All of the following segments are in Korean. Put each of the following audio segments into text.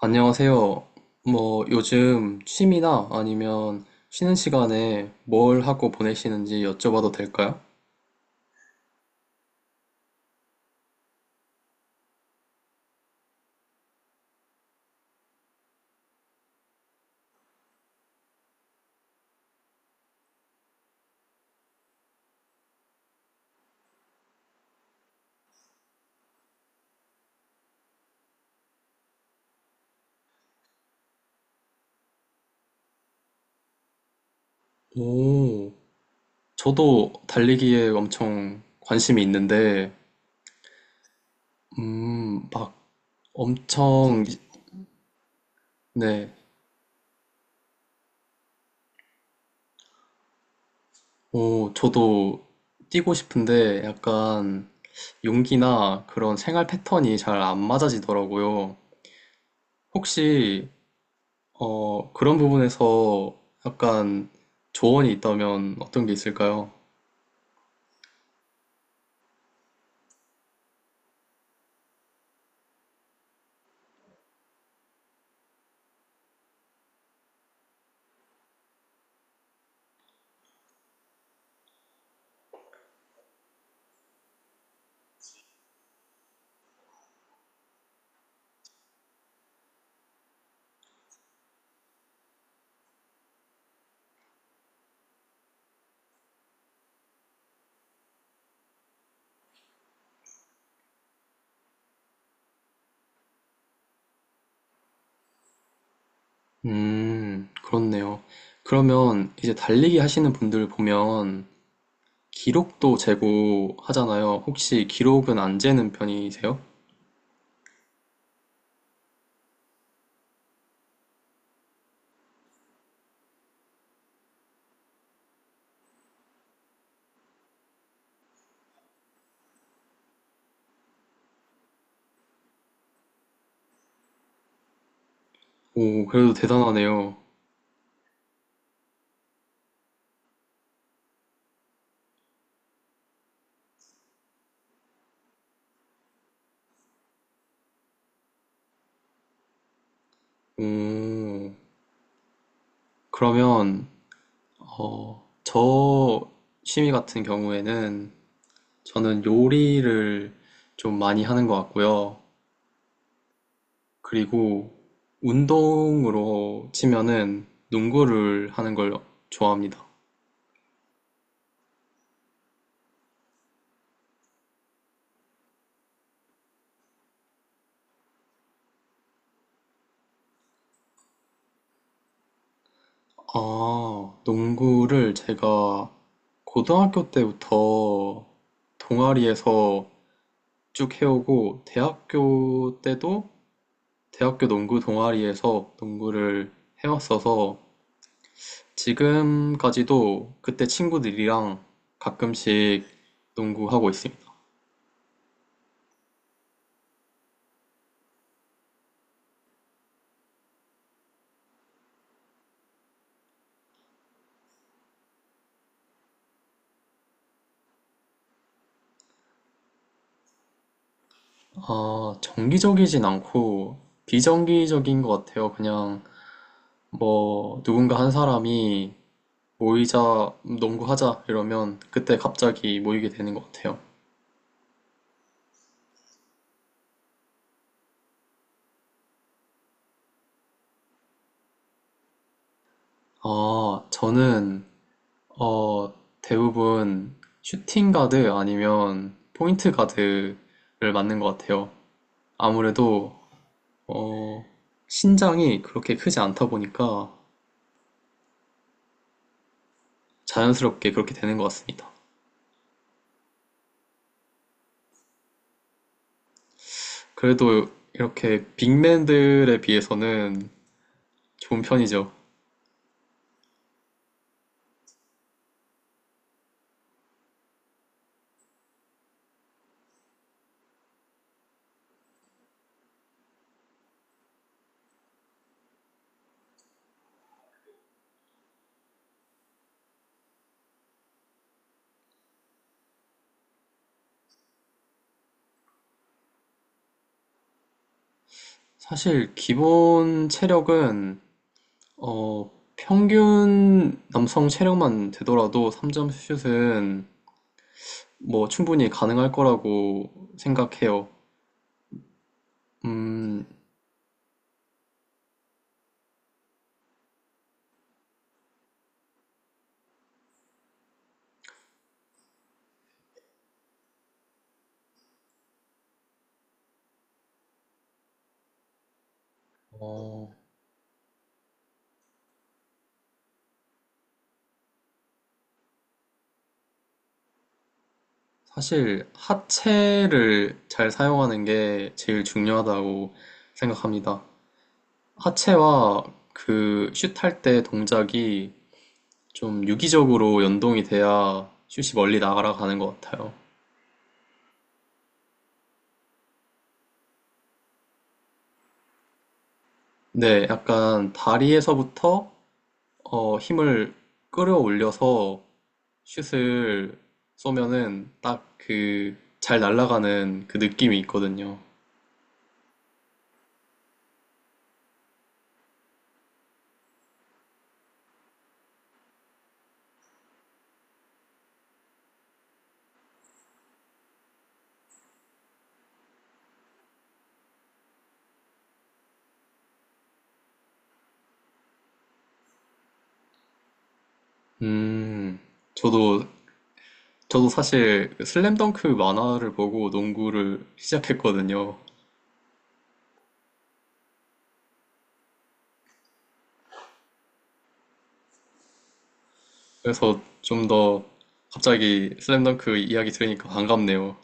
안녕하세요. 뭐 요즘 취미나 아니면 쉬는 시간에 뭘 하고 보내시는지 여쭤봐도 될까요? 오, 저도 달리기에 엄청 관심이 있는데, 막 엄청, 네, 오, 저도 뛰고 싶은데 약간 용기나 그런 생활 패턴이 잘 안 맞아지더라고요. 혹시, 그런 부분에서 약간 조언이 있다면 어떤 게 있을까요? 그렇네요. 그러면 이제 달리기 하시는 분들 보면 기록도 재고 하잖아요. 혹시 기록은 안 재는 편이세요? 오, 그래도 대단하네요. 오, 그러면, 저 취미 같은 경우에는 저는 요리를 좀 많이 하는 것 같고요. 그리고 운동으로 치면은 농구를 하는 걸 좋아합니다. 아, 농구를 제가 고등학교 때부터 동아리에서 쭉 해오고, 대학교 때도 대학교 농구 동아리에서 농구를 해왔어서, 지금까지도 그때 친구들이랑 가끔씩 농구하고 있습니다. 아, 정기적이진 않고, 비정기적인 것 같아요. 그냥 뭐, 누군가 한 사람이 모이자, 농구하자 이러면 그때 갑자기 모이게 되는 것 같아요. 아, 저는 어, 대부분 슈팅 가드 아니면 포인트 가드를 맞는 것 같아요. 아무래도 어, 신장이 그렇게 크지 않다 보니까 자연스럽게 그렇게 되는 것 같습니다. 그래도 이렇게 빅맨들에 비해서는 좋은 편이죠. 사실 기본 체력은 어, 평균 남성 체력만 되더라도 3점 슛은 뭐 충분히 가능할 거라고 생각해요. 음, 어, 사실 하체를 잘 사용하는 게 제일 중요하다고 생각합니다. 하체와 그 슛할 때 동작이 좀 유기적으로 연동이 돼야 슛이 멀리 날아가는 것 같아요. 네, 약간 다리에서부터 힘을 끌어올려서 슛을 쏘면은 딱 그 잘 날아가는 그 느낌이 있거든요. 음, 저도 저도 사실 슬램덩크 만화를 보고 농구를 시작했거든요. 그래서 좀 더 갑자기 슬램덩크 이야기 들으니까 반갑네요.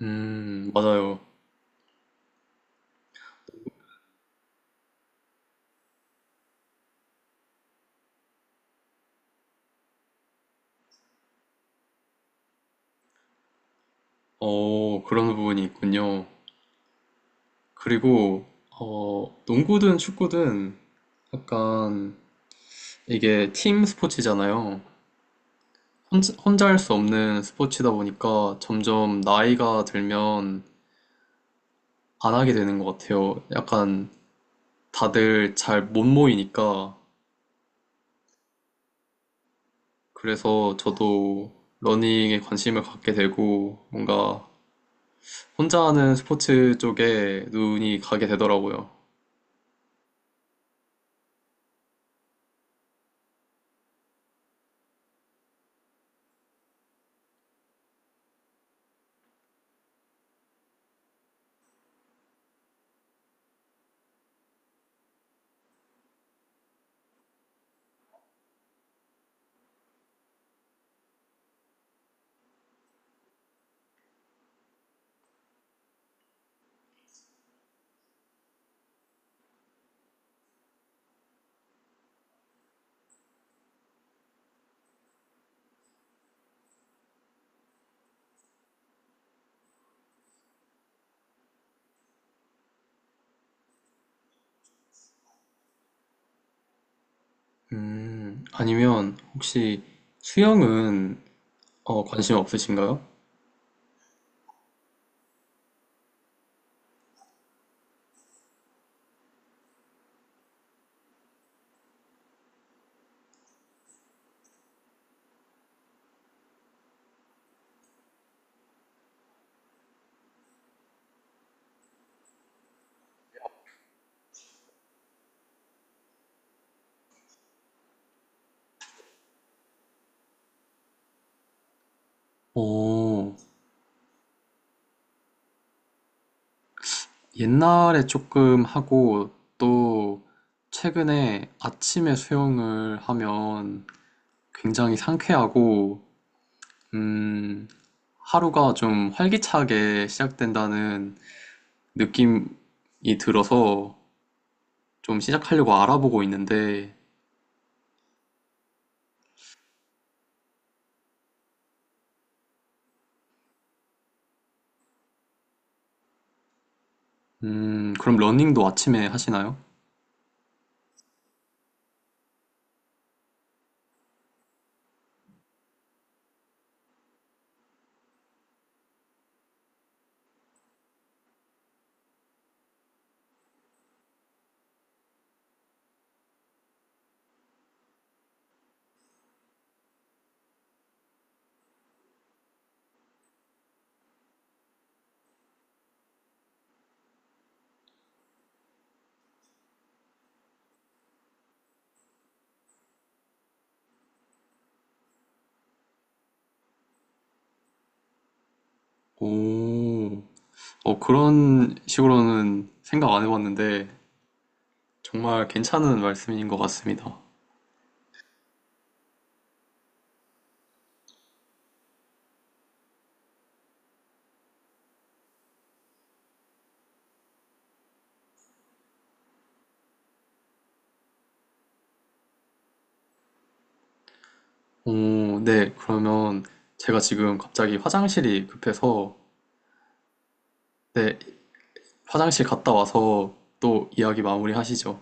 맞아요. 어, 그런 부분이 있군요. 그리고 어, 농구든 축구든 약간 이게 팀 스포츠잖아요. 혼자 할 수 없는 스포츠다 보니까 점점 나이가 들면 안 하게 되는 것 같아요. 약간 다들 잘 못 모이니까 그래서 저도 러닝에 관심을 갖게 되고 뭔가 혼자 하는 스포츠 쪽에 눈이 가게 되더라고요. 아니면 혹시 수영은 관심 없으신가요? 오, 옛날에 조금 하고 또 최근에 아침에 수영을 하면 굉장히 상쾌하고 음, 하루가 좀 활기차게 시작된다는 느낌이 들어서 좀 시작하려고 알아보고 있는데 그럼 러닝도 아침에 하시나요? 오, 어, 그런 식으로는 생각 안 해봤는데 정말 괜찮은 말씀인 것 같습니다. 오, 네. 그러면 제가 지금 갑자기 화장실이 급해서, 네, 화장실 갔다 와서 또 이야기 마무리 하시죠.